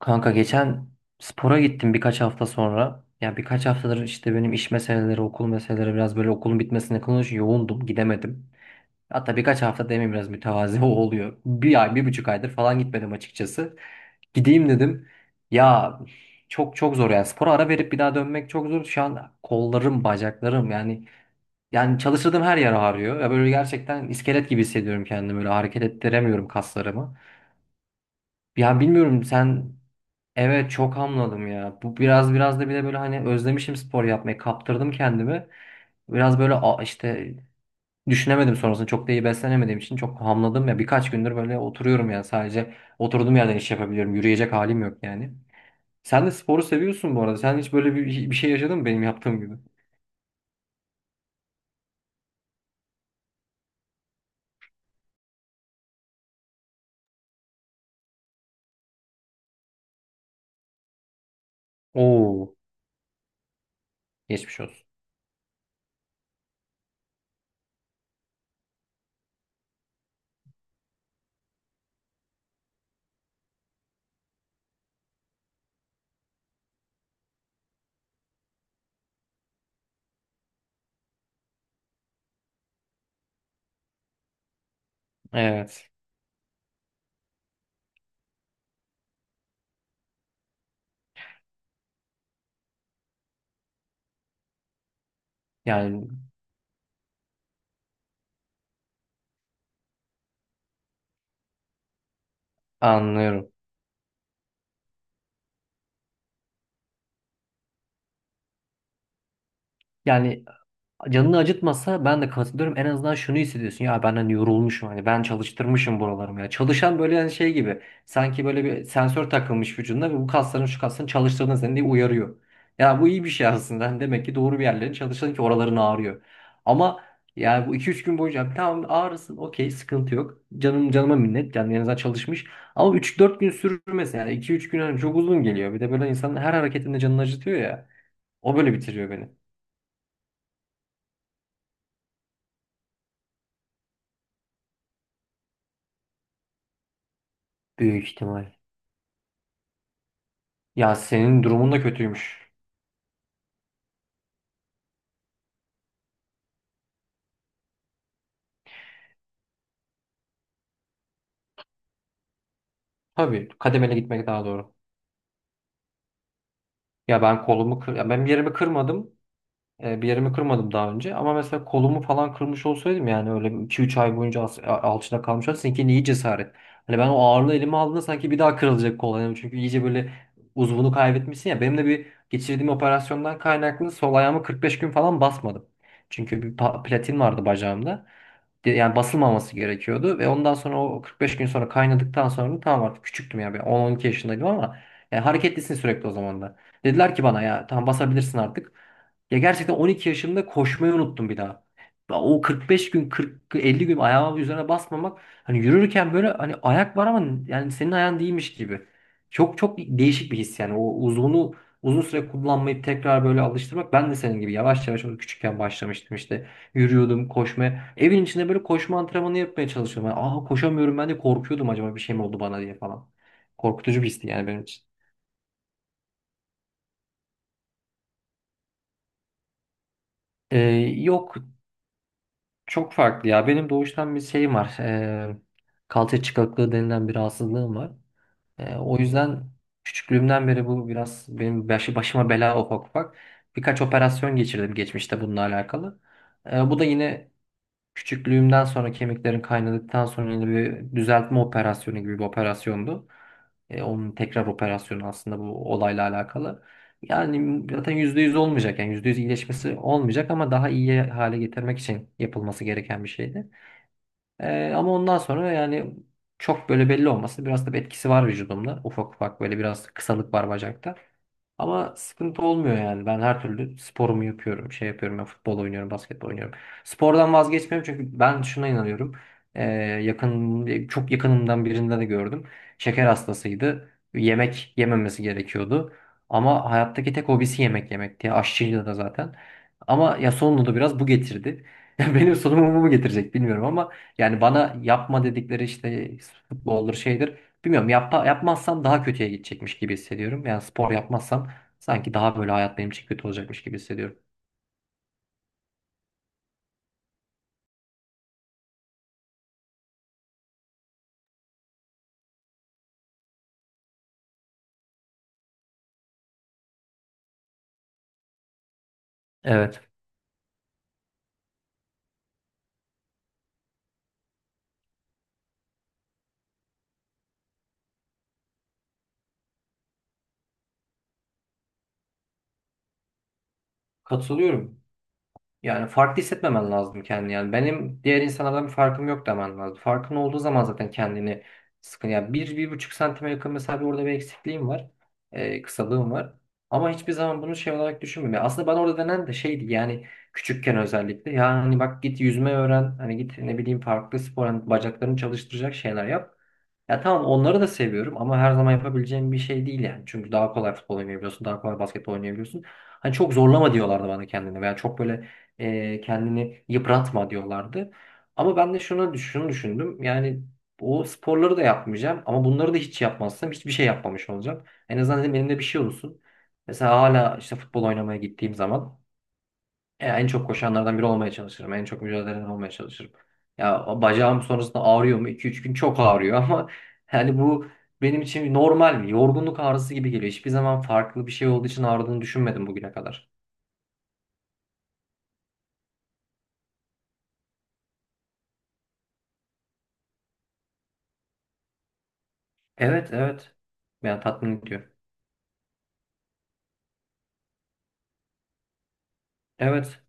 Kanka geçen spora gittim birkaç hafta sonra. Ya birkaç haftadır işte benim iş meseleleri, okul meseleleri biraz böyle okulun bitmesine yakın yoğundum, gidemedim. Hatta birkaç hafta demeyeyim biraz mütevazi oluyor. Bir ay, bir buçuk aydır falan gitmedim açıkçası. Gideyim dedim. Ya çok çok zor yani spora ara verip bir daha dönmek çok zor. Şu an kollarım, bacaklarım yani çalıştırdığım her yer ağrıyor. Ya böyle gerçekten iskelet gibi hissediyorum kendimi. Böyle hareket ettiremiyorum kaslarımı. Ya bilmiyorum sen. Evet, çok hamladım ya. Bu biraz da bir de böyle hani özlemişim spor yapmayı. Kaptırdım kendimi. Biraz böyle işte düşünemedim sonrasında. Çok da iyi beslenemediğim için çok hamladım ya. Birkaç gündür böyle oturuyorum ya. Sadece oturduğum yerden iş yapabiliyorum. Yürüyecek halim yok yani. Sen de sporu seviyorsun bu arada. Sen hiç böyle bir şey yaşadın mı benim yaptığım gibi? Oo, geçmiş olsun. Evet. Yani anlıyorum. Yani canını acıtmasa ben de katılıyorum. En azından şunu hissediyorsun. Ya ben hani yorulmuşum. Hani ben çalıştırmışım buralarımı ya. Çalışan böyle hani şey gibi. Sanki böyle bir sensör takılmış vücuduna ve bu kasların şu kasların çalıştığını seni diye uyarıyor. Ya bu iyi bir şey aslında. Hani demek ki doğru bir yerlerin çalıştığın ki oraların ağrıyor. Ama yani bu iki üç gün boyunca tamam ağrısın, okey, sıkıntı yok. Canım canıma minnet. Yani en azından çalışmış. Ama üç dört gün sürmesin. Yani iki üç gün hani çok uzun geliyor. Bir de böyle insanın her hareketinde canını acıtıyor ya. O böyle bitiriyor beni. Büyük ihtimal. Ya senin durumun da kötüymüş. Tabii kademeli gitmek daha doğru. Ya ben bir yerimi kırmadım. Bir yerimi kırmadım daha önce ama mesela kolumu falan kırmış olsaydım yani öyle iki üç ay boyunca alçıda kalmış olsaydım seninki iyi cesaret. Hani ben o ağırlığı elime aldığımda sanki bir daha kırılacak kol. Yani çünkü iyice böyle uzvunu kaybetmişsin ya. Benim de bir geçirdiğim operasyondan kaynaklı sol ayağımı 45 gün falan basmadım. Çünkü bir platin vardı bacağımda. Yani basılmaması gerekiyordu ve ondan sonra o 45 gün sonra kaynadıktan sonra tamam artık küçüktüm ya, ben 10-12 yaşındaydım ama yani hareketlisin sürekli o zaman da. Dediler ki bana ya tamam basabilirsin artık. Ya gerçekten 12 yaşımda koşmayı unuttum bir daha. Ya o 45 gün 40 50 gün ayağımın üzerine basmamak, hani yürürken böyle hani ayak var ama yani senin ayağın değilmiş gibi. Çok çok değişik bir his yani o uzun süre kullanmayıp tekrar böyle alıştırmak ben de senin gibi yavaş yavaş onu küçükken başlamıştım işte. Yürüyordum koşmaya. Evin içinde böyle koşma antrenmanı yapmaya çalışıyordum. Yani, aa koşamıyorum ben de korkuyordum acaba bir şey mi oldu bana diye falan. Korkutucu bir histi yani benim için. Ee, Yok çok farklı ya. Benim doğuştan bir şeyim var. Kalça çıkıklığı denilen bir rahatsızlığım var. O yüzden küçüklüğümden beri bu biraz benim başıma bela ufak ufak. Birkaç operasyon geçirdim geçmişte bununla alakalı. Bu da yine küçüklüğümden sonra kemiklerim kaynadıktan sonra yine bir düzeltme operasyonu gibi bir operasyondu. Onun tekrar operasyonu aslında bu olayla alakalı. Yani zaten %100 olmayacak, yani %100 iyileşmesi olmayacak ama daha iyi hale getirmek için yapılması gereken bir şeydi. Ama ondan sonra yani çok böyle belli olması biraz da bir etkisi var vücudumda. Ufak ufak böyle biraz kısalık var bacakta. Ama sıkıntı olmuyor yani. Ben her türlü sporumu yapıyorum. Şey yapıyorum, ben futbol oynuyorum, basketbol oynuyorum. Spordan vazgeçmiyorum çünkü ben şuna inanıyorum. Ee, Çok yakınımdan birinde de gördüm. Şeker hastasıydı. Yemek yememesi gerekiyordu. Ama hayattaki tek hobisi yemek yemekti. Aşçıydı da zaten. Ama ya sonunda da biraz bu getirdi. Benim sonumu bu mu getirecek bilmiyorum ama yani bana yapma dedikleri işte futboldur şeydir. Bilmiyorum, yapmazsam daha kötüye gidecekmiş gibi hissediyorum. Yani spor yapmazsam sanki daha böyle hayat benim için kötü olacakmış gibi hissediyorum. Evet. Katılıyorum. Yani farklı hissetmemen lazım kendini. Yani benim diğer insanlardan bir farkım yok demen lazım. Farkın olduğu zaman zaten kendini sıkın. Yani bir, bir buçuk santime yakın mesela bir orada bir eksikliğim var. Kısalığım var. Ama hiçbir zaman bunu şey olarak düşünmüyorum. Yani aslında bana orada denen de şeydi yani küçükken özellikle. Yani hani bak git yüzme öğren. Hani git ne bileyim farklı spor hani bacaklarını çalıştıracak şeyler yap. Ya tamam onları da seviyorum ama her zaman yapabileceğim bir şey değil yani. Çünkü daha kolay futbol oynayabiliyorsun, daha kolay basketbol oynayabiliyorsun. Hani çok zorlama diyorlardı bana kendine veya çok böyle kendini yıpratma diyorlardı. Ama ben de şunu düşündüm. Yani o sporları da yapmayacağım ama bunları da hiç yapmazsam hiçbir şey yapmamış olacağım. En azından dedim elimde bir şey olsun. Mesela hala işte futbol oynamaya gittiğim zaman en çok koşanlardan biri olmaya çalışırım. En çok mücadele eden olmaya çalışırım. Ya o bacağım sonrasında ağrıyor mu? 2 üç gün çok ağrıyor ama yani bu benim için normal bir yorgunluk ağrısı gibi geliyor. Hiçbir zaman farklı bir şey olduğu için ağrıdığını düşünmedim bugüne kadar. Evet evet. Yani tatmin ediyor. Evet.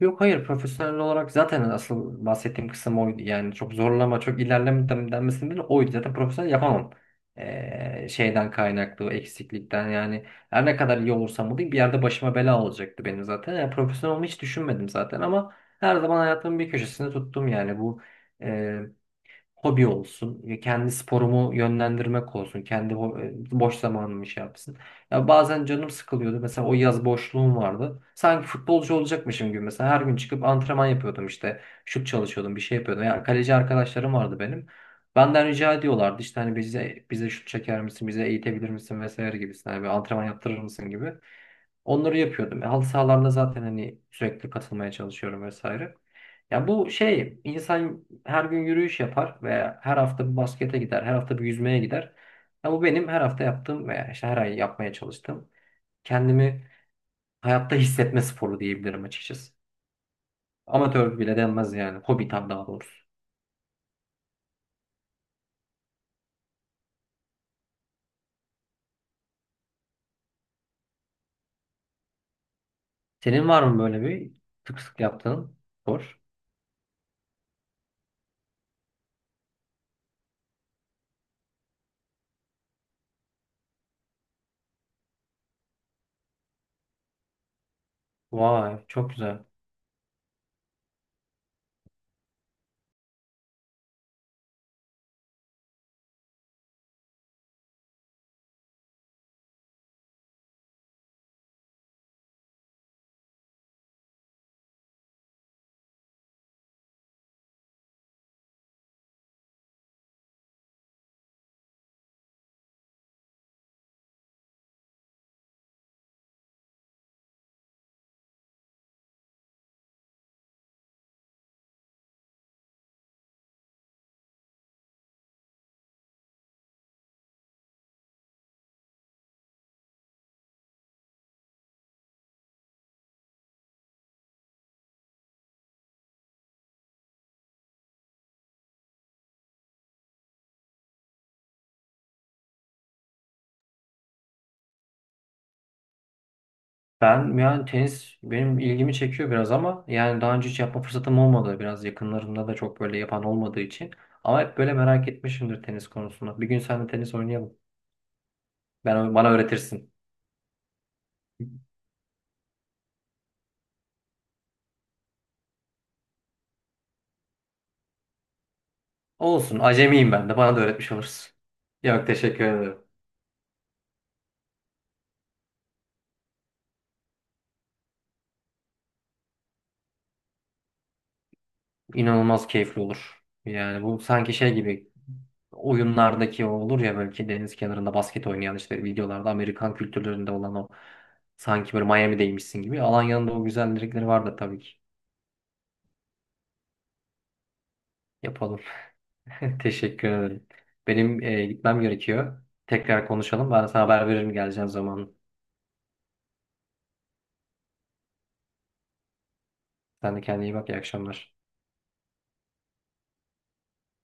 Yok hayır, profesyonel olarak zaten asıl bahsettiğim kısım oydu. Yani çok zorlama, çok ilerleme denmesinin bile oydu. Zaten profesyonel yapamam. Şeyden kaynaklı, o eksiklikten yani. Her ne kadar iyi olursam olayım bir yerde başıma bela olacaktı benim zaten. Yani profesyonel olmayı hiç düşünmedim zaten ama her zaman hayatımın bir köşesinde tuttum yani bu. Hobi olsun, ya kendi sporumu yönlendirmek olsun, kendi boş zamanımı şey yapsın. Ya bazen canım sıkılıyordu. Mesela o yaz boşluğum vardı. Sanki futbolcu olacakmışım gibi. Mesela her gün çıkıp antrenman yapıyordum işte. Şut çalışıyordum, bir şey yapıyordum. Ya kaleci arkadaşlarım vardı benim. Benden rica ediyorlardı işte hani bize şut çeker misin, bize eğitebilir misin vesaire gibisinden. Yani bir antrenman yaptırır mısın gibi. Onları yapıyordum. Halı sahalarda zaten hani sürekli katılmaya çalışıyorum vesaire. Ya bu şey insan her gün yürüyüş yapar veya her hafta bir baskete gider, her hafta bir yüzmeye gider. Ya bu benim her hafta yaptığım veya işte her ay yapmaya çalıştığım kendimi hayatta hissetme sporu diyebilirim açıkçası. Amatör bile denmez yani. Hobi tam daha doğrusu. Senin var mı böyle bir sık sık yaptığın spor? Vay çok güzel. Ben yani tenis benim ilgimi çekiyor biraz ama yani daha önce hiç yapma fırsatım olmadı. Biraz yakınlarımda da çok böyle yapan olmadığı için. Ama hep böyle merak etmişimdir tenis konusunda. Bir gün seninle tenis oynayalım. Bana öğretirsin. Olsun. Acemiyim ben de. Bana da öğretmiş olursun. Yok, teşekkür ederim. İnanılmaz keyifli olur. Yani bu sanki şey gibi oyunlardaki o olur ya, belki deniz kenarında basket oynayan işte videolarda Amerikan kültürlerinde olan o, sanki böyle Miami'deymişsin gibi. Alanya'nın da o güzellikleri var da tabii ki. Yapalım. Teşekkür ederim. Benim gitmem gerekiyor. Tekrar konuşalım. Ben sana haber veririm geleceğim zaman. Sen de kendine iyi bak. İyi akşamlar.